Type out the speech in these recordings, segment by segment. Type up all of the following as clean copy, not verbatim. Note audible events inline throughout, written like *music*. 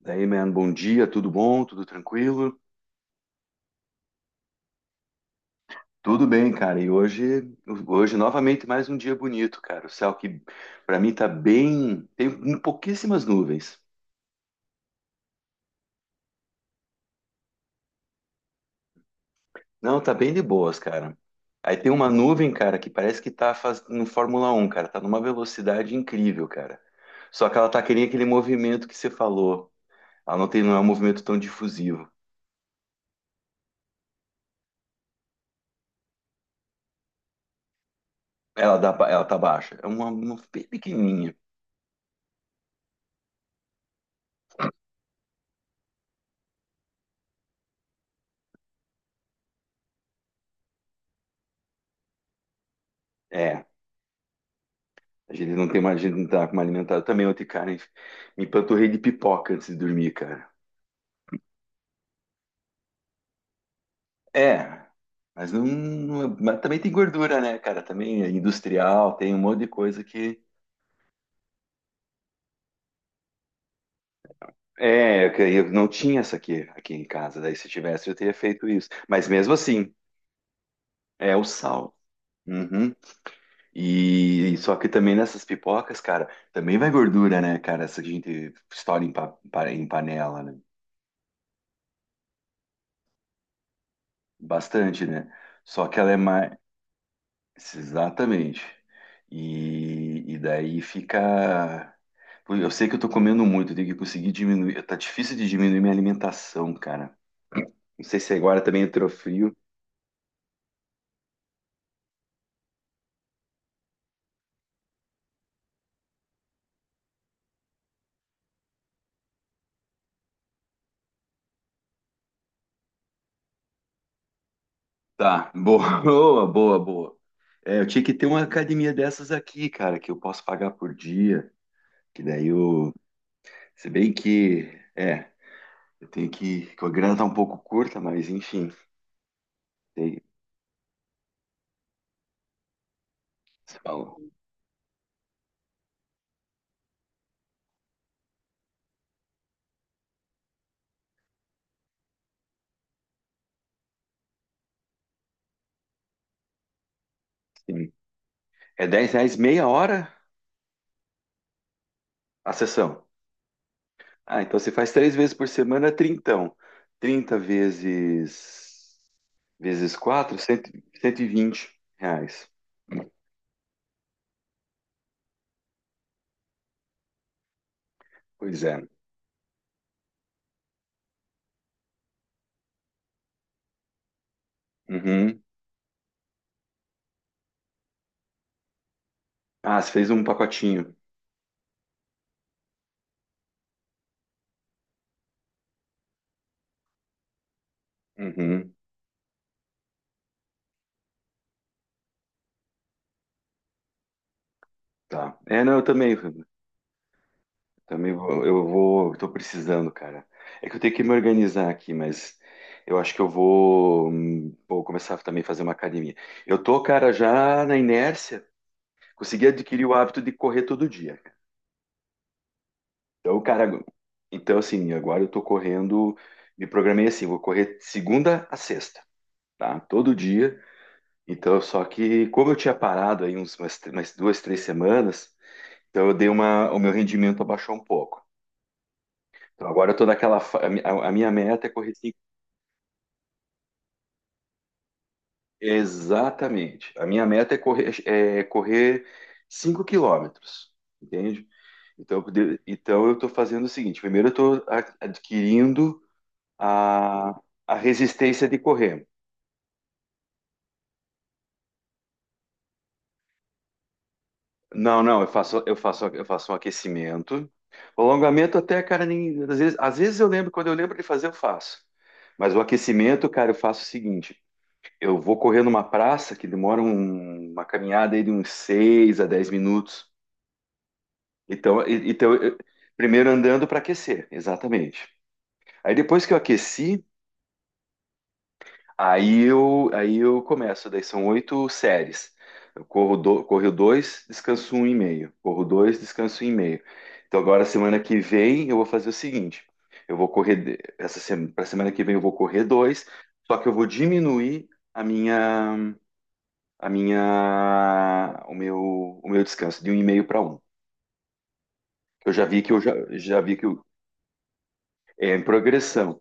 Daí, man, bom dia, tudo bom? Tudo tranquilo? Tudo bem, cara. E hoje, novamente mais um dia bonito, cara. O céu que pra mim tá bem, tem pouquíssimas nuvens. Não, tá bem de boas, cara. Aí tem uma nuvem, cara, que parece que tá no Fórmula Um, cara. Tá numa velocidade incrível, cara. Só que ela tá querendo aquele movimento que você falou. Ela não tem, não é um movimento tão difusivo. Ela tá baixa. É uma pequenininha. É, a gente não tem mais, a gente não tá como alimentado. Também ontem, cara, me empanturrei de pipoca antes de dormir, cara. É, mas não, é, mas também tem gordura, né, cara? Também é industrial, tem um monte de coisa que. É, que eu não tinha essa aqui em casa. Daí se tivesse, eu teria feito isso. Mas mesmo assim, é o sal. Uhum. E só que também nessas pipocas, cara, também vai gordura, né, cara? Essa que a gente estoura em panela, né? Bastante, né? Só que ela é mais. Exatamente. E daí fica. Pô, eu sei que eu tô comendo muito, eu tenho que conseguir diminuir. Tá difícil de diminuir minha alimentação, cara. Não sei se agora também entrou frio. Tá, boa, *laughs* boa, boa, boa. É, eu tinha que ter uma academia dessas aqui, cara, que eu posso pagar por dia. Que daí eu. Se bem que. É, eu tenho que. Que a grana tá um pouco curta, mas enfim. Tem, se fala. Sim. É R$ 10 meia hora a sessão. Ah, então você faz três vezes por semana, trintão. 30 vezes quatro, R$ 120. Pois é. Uhum. Ah, você fez um pacotinho. Uhum. Tá. É, não, eu também vou, eu vou, tô precisando, cara. É que eu tenho que me organizar aqui, mas eu acho que eu vou começar também a fazer uma academia. Eu tô, cara, já na inércia, consegui adquirir o hábito de correr todo dia. Então, cara, então assim, agora eu tô correndo, me programei assim, vou correr segunda a sexta, tá? Todo dia. Então, só que como eu tinha parado aí umas duas, três semanas, então eu dei uma, o meu rendimento abaixou um pouco. Então agora eu tô naquela, a minha meta é correr cinco, exatamente. A minha meta é correr 5 quilômetros, entende? Então, eu tô fazendo o seguinte, primeiro eu tô adquirindo a, a resistência de correr. Não, não, eu faço um aquecimento. O alongamento até, cara, nem, às vezes eu lembro, quando eu lembro de fazer, eu faço. Mas o aquecimento, cara, eu faço o seguinte: eu vou correr numa praça que demora uma caminhada aí de uns 6 a 10 minutos. Então, primeiro andando para aquecer, exatamente. Aí depois que eu aqueci, aí eu começo, daí são oito séries. Eu corro dois, descanso um e meio. Corro dois, descanso um e meio. Então agora, semana que vem, eu vou fazer o seguinte: eu vou correr, essa semana, para semana que vem, eu vou correr dois, só que eu vou diminuir a minha, o meu descanso de um e meio para um. Eu já vi que eu já, já vi que eu- é em progressão.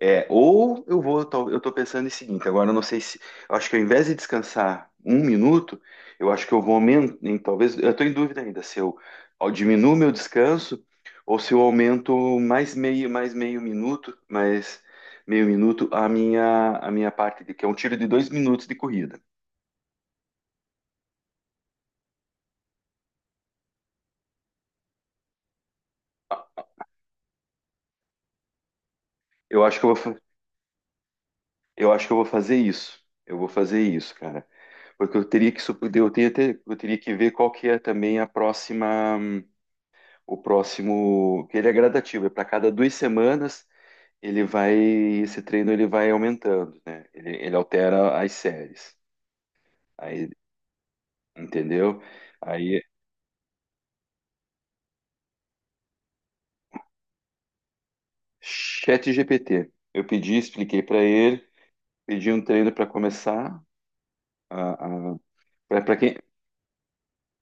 É, ou eu vou, eu tô pensando em seguinte, agora eu não sei se, eu acho que ao invés de descansar um minuto, eu acho que eu vou aumentar, talvez, eu tô em dúvida ainda se eu diminuo meu descanso ou se eu aumento mais meio minuto a minha parte, de, que é um tiro de 2 minutos de corrida. Eu acho que eu vou, fazer isso. Eu vou fazer isso, cara. Porque eu teria que, eu teria, eu teria que ver qual que é também a próxima. O próximo, que ele é gradativo, é para cada 2 semanas ele vai, esse treino ele vai aumentando, né? Ele altera as séries. Aí, entendeu? Aí, Chat GPT. Eu pedi, expliquei para ele, pedi um treino para começar, para quem,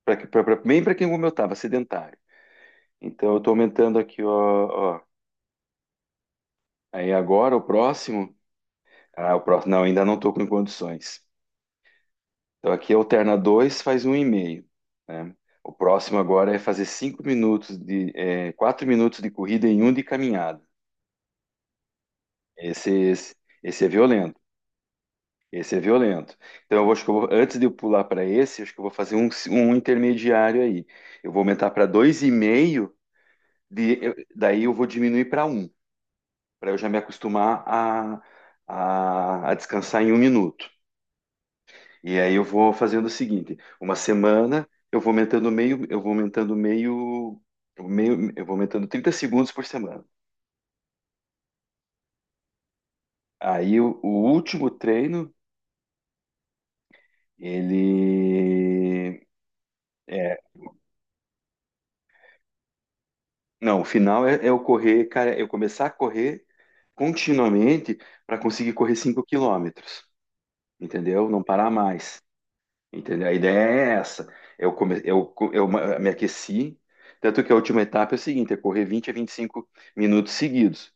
pra, que- pra, pra, bem para quem como eu estava, sedentário. Então, eu estou aumentando aqui, ó, ó. Aí agora o próximo, não, ainda não estou com condições. Então aqui alterna 2 faz um 1,5, né? O próximo agora é fazer 5 minutos de, é, 4 minutos de corrida e um de caminhada. Esse, esse, esse é violento. Esse é violento. Então acho que eu vou, antes de eu pular para esse, acho que eu vou fazer um intermediário aí. Eu vou aumentar para 2,5, daí eu vou diminuir para um para eu já me acostumar a descansar em um minuto. E aí eu vou fazendo o seguinte, uma semana eu vou aumentando meio, eu vou aumentando meio, meio, eu vou aumentando 30 segundos por semana. Aí o último treino, ele é, não, o final é, eu correr, cara, é eu começar a correr continuamente para conseguir correr 5 quilômetros, entendeu? Não parar mais, entendeu? A ideia é essa. É Eu come, eu, co- eu ma- Me aqueci, tanto que a última etapa é o seguinte, é correr 20 a 25 minutos seguidos.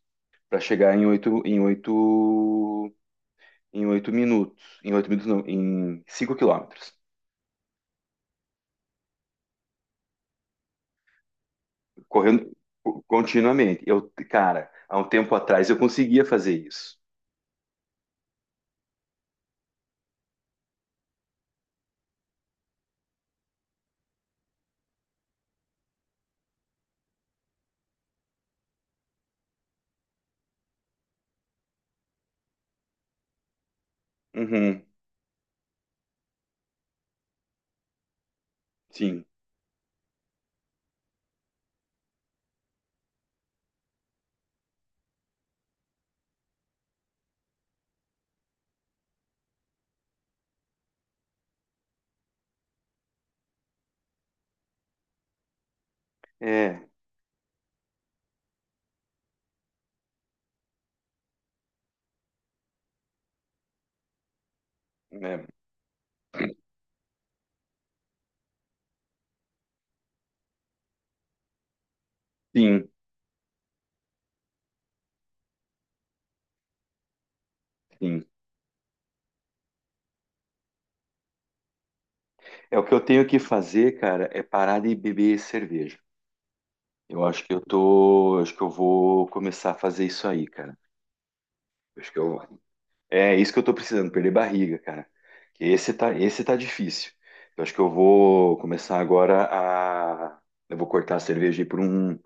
Para chegar em oito em oito em oito minutos não, em 5 quilômetros, correndo continuamente. Eu, cara, há um tempo atrás eu conseguia fazer isso. Uhum, sim, é, é, sim, sim. É o que eu tenho que fazer, cara, é parar de beber cerveja. Eu acho que eu tô, Acho que eu vou começar a fazer isso aí, cara. Acho que eu É isso que eu tô precisando, perder barriga, cara. Que esse tá difícil. Eu acho que eu vou começar agora a. Eu vou cortar a cerveja aí por um.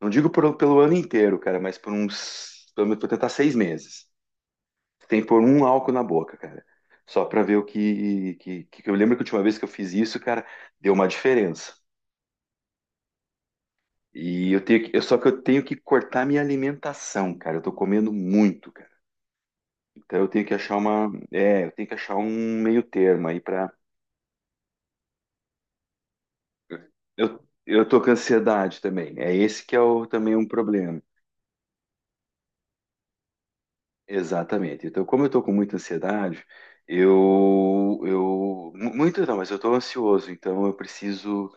Não digo pelo ano inteiro, cara, mas por uns. Pelo menos vou tentar 6 meses. Tem que pôr um álcool na boca, cara. Só pra ver o que, que, Eu lembro que a última vez que eu fiz isso, cara, deu uma diferença. E eu tenho que. Só que eu tenho que cortar minha alimentação, cara. Eu tô comendo muito, cara. Então eu tenho que achar uma. É, eu tenho que achar um meio termo aí pra. Eu tô com ansiedade também. É esse que é o, também um problema. Exatamente. Então, como eu tô com muita ansiedade, muito não, mas eu tô ansioso, então eu preciso,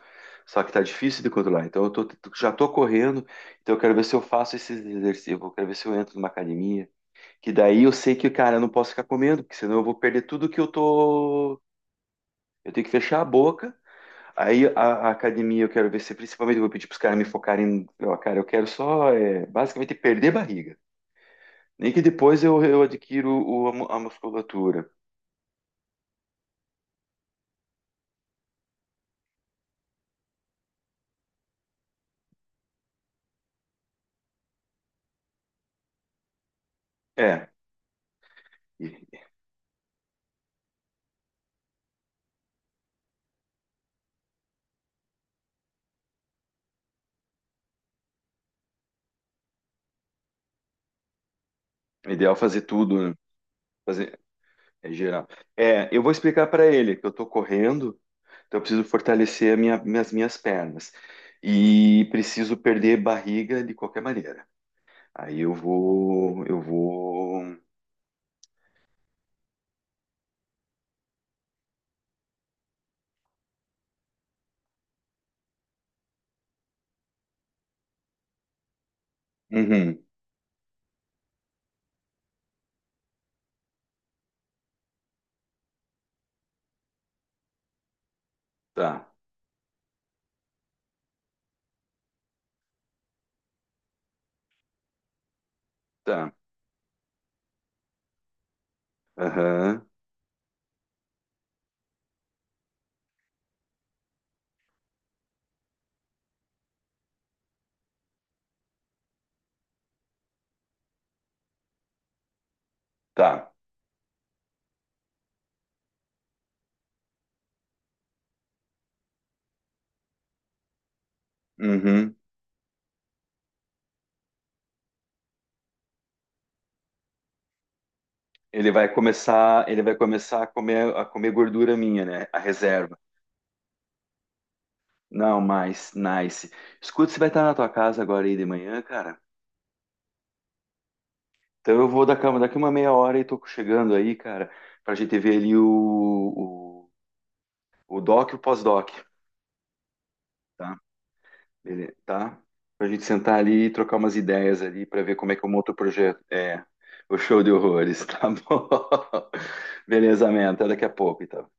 só que tá difícil de controlar. Então, eu tô, já tô correndo, então eu quero ver se eu faço esses exercícios, eu quero ver se eu entro numa academia, que daí eu sei que, cara, eu não posso ficar comendo, porque senão eu vou perder tudo que eu tô, eu tenho que fechar a boca. Aí a academia eu quero ver se principalmente eu vou pedir para os caras me focarem. Ó, cara, eu quero só é, basicamente perder barriga. Nem que depois eu adquiro a musculatura. É, e- é ideal é fazer tudo, né? Fazer, é geral. É, eu vou explicar para ele que eu estou correndo, então eu preciso fortalecer minhas pernas. E preciso perder barriga de qualquer maneira. Aí eu vou. Eu vou. Uhum, tá, tá. Aham, tá. Uhum. Ele vai começar a comer gordura minha, né? A reserva. Não, mas, nice. Escuta, você vai estar na tua casa agora aí de manhã, cara? Então eu vou da cama daqui uma meia hora e tô chegando aí, cara, pra gente ver ali o doc e o pós-doc, tá? Ele, tá? Pra gente sentar ali e trocar umas ideias ali pra ver como é que eu monto o projeto. É, o show de horrores, tá bom? *laughs* Beleza, man, até daqui a pouco, então.